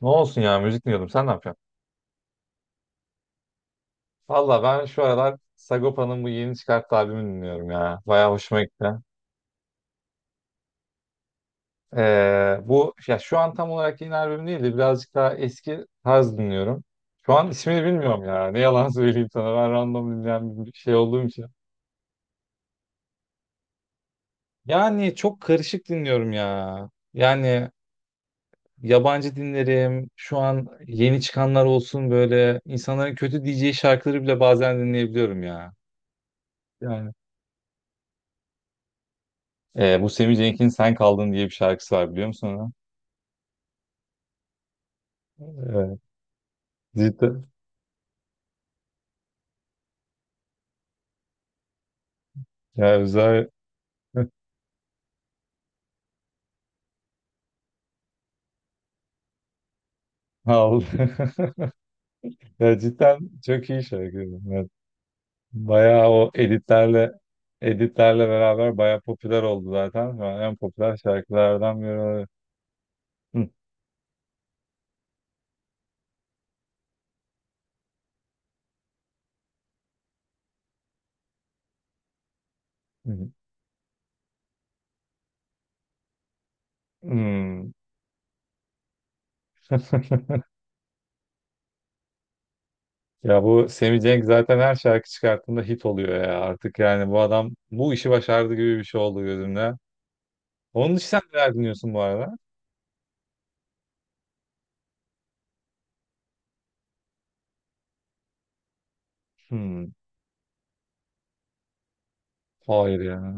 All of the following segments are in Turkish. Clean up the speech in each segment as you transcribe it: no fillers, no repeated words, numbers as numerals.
Ne olsun ya, müzik dinliyordum. Sen ne yapıyorsun? Valla ben şu aralar Sagopa'nın bu yeni çıkarttığı albümünü dinliyorum ya. Bayağı hoşuma gitti. Bu ya şu an tam olarak yeni albüm değil de birazcık daha eski tarz dinliyorum. Şu an ismini bilmiyorum ya. Ne yalan söyleyeyim sana. Ben random dinleyen bir şey olduğum için. Yani çok karışık dinliyorum ya. Yani yabancı dinlerim. Şu an yeni çıkanlar olsun, böyle insanların kötü diyeceği şarkıları bile bazen dinleyebiliyorum ya. Yani bu Sammy Cenk'in Sen Kaldın diye bir şarkısı var, biliyor musun onu? Evet, cidden. Ya güzel aldı. Ya cidden çok iyi şarkı. Evet. Bayağı o editlerle beraber bayağı popüler oldu zaten. Şu an en popüler şarkılardan biri oluyor. Hı, hı, hı. Ya bu Sammy Cenk zaten her şarkı çıkarttığında hit oluyor ya, artık yani bu adam bu işi başardı gibi bir şey oldu gözümde. Onun için sen neler dinliyorsun bu arada? Hmm, hayır ya.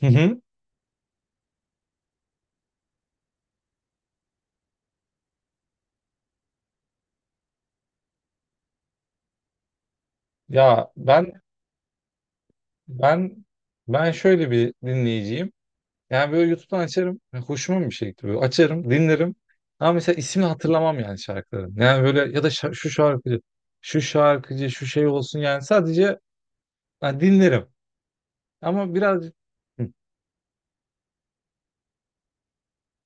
Hı hı. Ya ben ben şöyle bir dinleyiciyim. Yani böyle YouTube'dan açarım. Yani hoşuma bir şey gitti böyle. Açarım, dinlerim. Ama mesela ismini hatırlamam yani şarkıların. Yani böyle ya da şu şarkıcı, şu şarkıcı, şu şey olsun yani, sadece yani dinlerim. Ama biraz. Hı.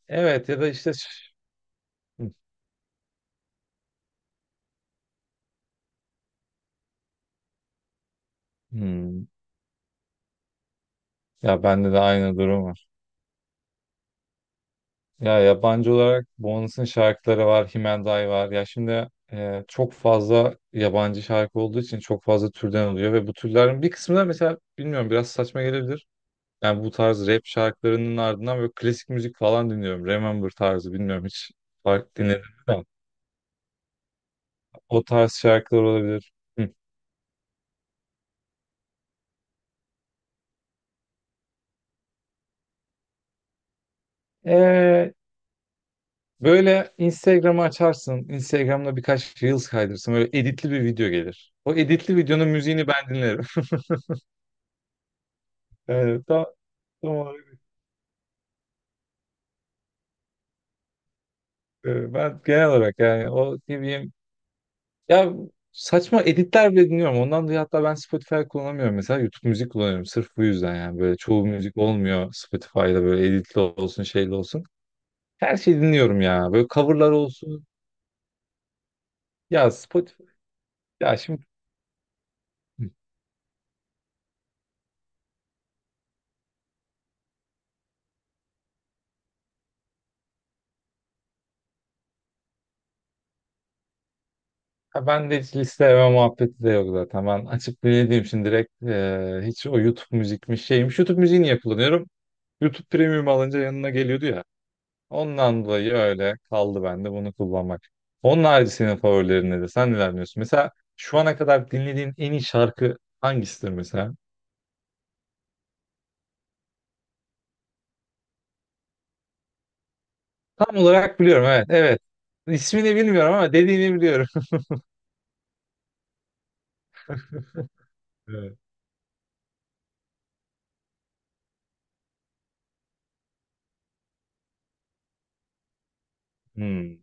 Evet, ya da işte. Hı. Hmm. Ya bende de aynı durum var. Ya yabancı olarak Bones'un şarkıları var, Himenday var. Ya şimdi çok fazla yabancı şarkı olduğu için çok fazla türden oluyor ve bu türlerin bir kısmı da, mesela bilmiyorum, biraz saçma gelebilir. Yani bu tarz rap şarkılarının ardından böyle klasik müzik falan dinliyorum. Remember tarzı, bilmiyorum hiç fark dinledim mi? O tarz şarkılar olabilir. Hı. Ee, Böyle Instagram'ı açarsın. Instagram'da birkaç Reels kaydırırsın. Böyle editli bir video gelir. O editli videonun müziğini ben dinlerim. Evet, tamam. Ben genel olarak yani, o ne bileyim ya, saçma editler bile dinliyorum. Ondan dolayı hatta ben Spotify kullanamıyorum. Mesela YouTube müzik kullanıyorum. Sırf bu yüzden. Yani böyle çoğu müzik olmuyor Spotify'da, böyle editli olsun şeyli olsun. Her şeyi dinliyorum ya. Böyle coverlar olsun. Ya Spotify, ya şimdi. Hı. Ha, ben de hiç listeleme muhabbeti de yok zaten. Ben açıp dinlediğim için direkt hiç, o YouTube müzikmiş şeymiş. YouTube müziği niye kullanıyorum? YouTube Premium alınca yanına geliyordu ya. Ondan dolayı öyle kaldı bende bunu kullanmak. Onun harici senin favorilerin nedir? Sen neler dinliyorsun? Mesela şu ana kadar dinlediğin en iyi şarkı hangisidir mesela? Tam olarak biliyorum, evet. Evet. İsmini bilmiyorum ama dediğini biliyorum. Evet. Hmm.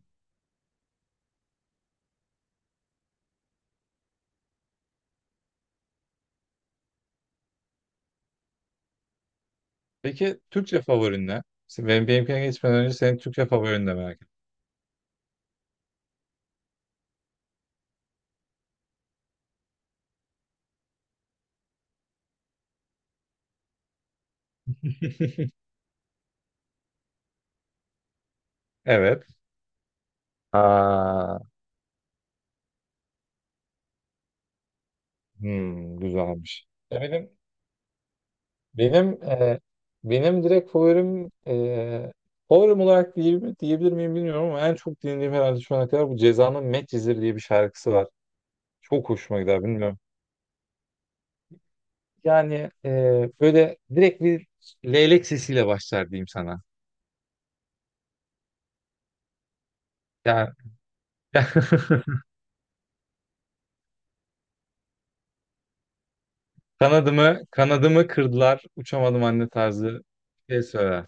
Peki Türkçe favorin ne? Benim, benimkine geçmeden önce senin Türkçe favorin de merak ettim. Evet. Ha, hmm, güzelmiş. Ya benim benim direkt favorim olarak diyebilir miyim bilmiyorum, ama en çok dinlediğim herhalde şu ana kadar bu Ceza'nın Medcezir diye bir şarkısı var. Çok hoşuma gider, bilmiyorum. Yani böyle direkt bir leylek sesiyle başlar diyeyim sana. Yani kanadımı kırdılar, uçamadım anne tarzı şey söyler.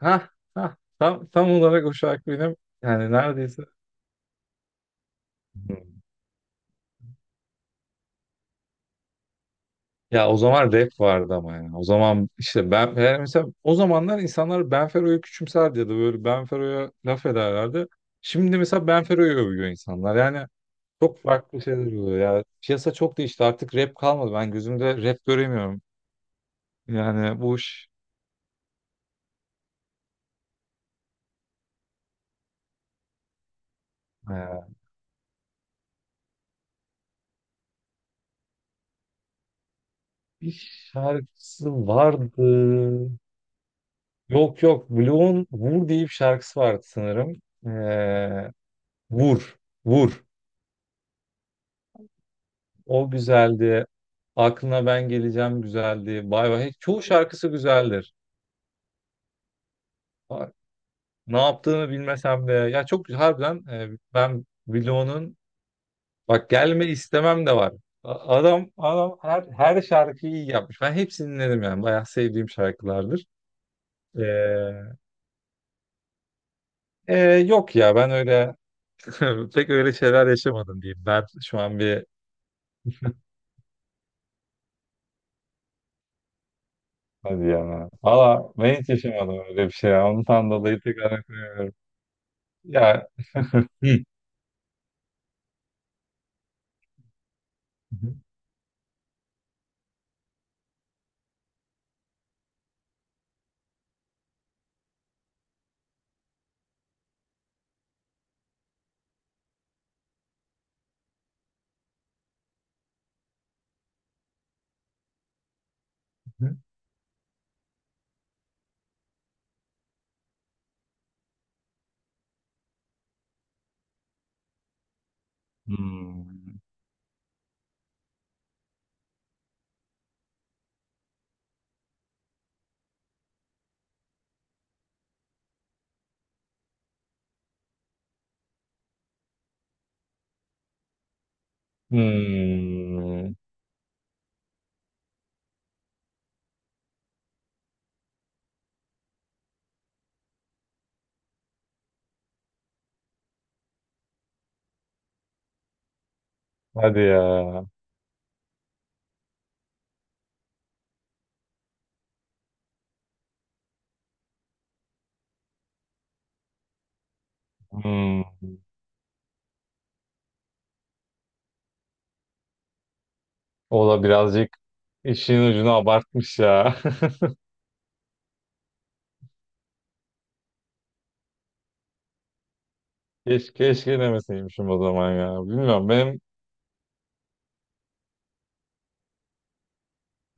Ha ha, tam olarak o şarkı benim yani, neredeyse. Ya o zaman rap vardı ama yani. O zaman işte ben yani, mesela o zamanlar insanlar Benfero'yu küçümserdi ya da böyle Benfero'ya laf ederlerdi. Şimdi mesela Benfero'yu övüyor insanlar. Yani çok farklı şeyler oluyor ya. Piyasa çok değişti. Artık rap kalmadı. Ben gözümde rap göremiyorum. Yani bu iş. Ee, Bir şarkısı vardı. Yok yok. Blue'un Vur diye bir şarkısı vardı sanırım. Ee, Vur. Vur. O güzeldi. Aklına ben geleceğim güzeldi. Bay bay. Çoğu şarkısı güzeldir. Ha, ne yaptığını bilmesem de. Ya çok harbiden ben Blo'nun bak gelme istemem de var. Adam her şarkıyı iyi yapmış. Ben hepsini dinledim yani. Bayağı sevdiğim şarkılardır. Ee, yok ya, ben öyle pek öyle şeyler yaşamadım diyeyim. Ben şu an bir. Hadi ya. Valla ben hiç yaşamadım öyle bir şey ya. Ondan dolayı tekrar yapıyorum. Ya. Hı. Hmm. Hmm. Hadi ya. Hmm. O da birazcık işin ucunu abartmış ya. Keşke, keşke demeseymişim o zaman ya. Bilmiyorum, benim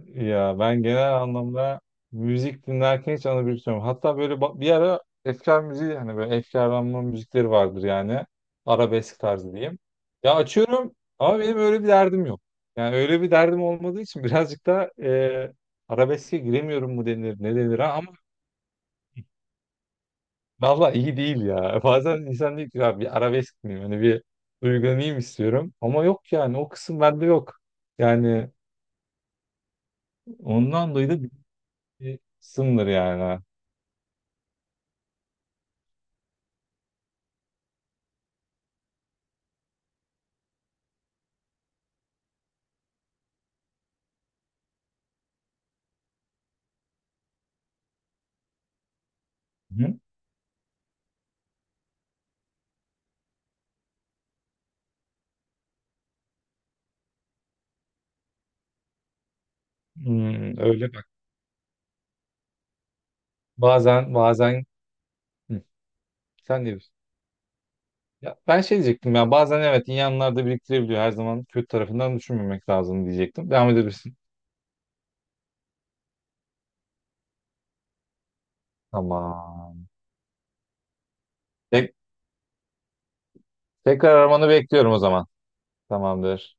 ya, ben genel anlamda müzik dinlerken hiç anabiliyorum. Hatta böyle bir ara efkar müziği, hani böyle efkarlanma müzikleri vardır yani. Arabesk tarzı diyeyim. Ya açıyorum ama benim öyle bir derdim yok. Yani öyle bir derdim olmadığı için birazcık da arabeske giremiyorum mu denir, ne denir ha? Valla iyi değil ya. Bazen insan diyor ki "Ya bir arabesk miyim? Hani bir duygulanayım istiyorum." Ama yok, yani o kısım bende yok. Yani ondan dolayı da bir kısımdır yani. Hı? Hmm, öyle bak. Bazen bazen. Hı, sen de diyorsun. Ya ben şey diyecektim ya, bazen evet iyi anlar da biriktirebiliyor. Her zaman kötü tarafından düşünmemek lazım diyecektim. Devam edebilirsin. Tamam. Tek, tekrar aramanı bekliyorum o zaman. Tamamdır.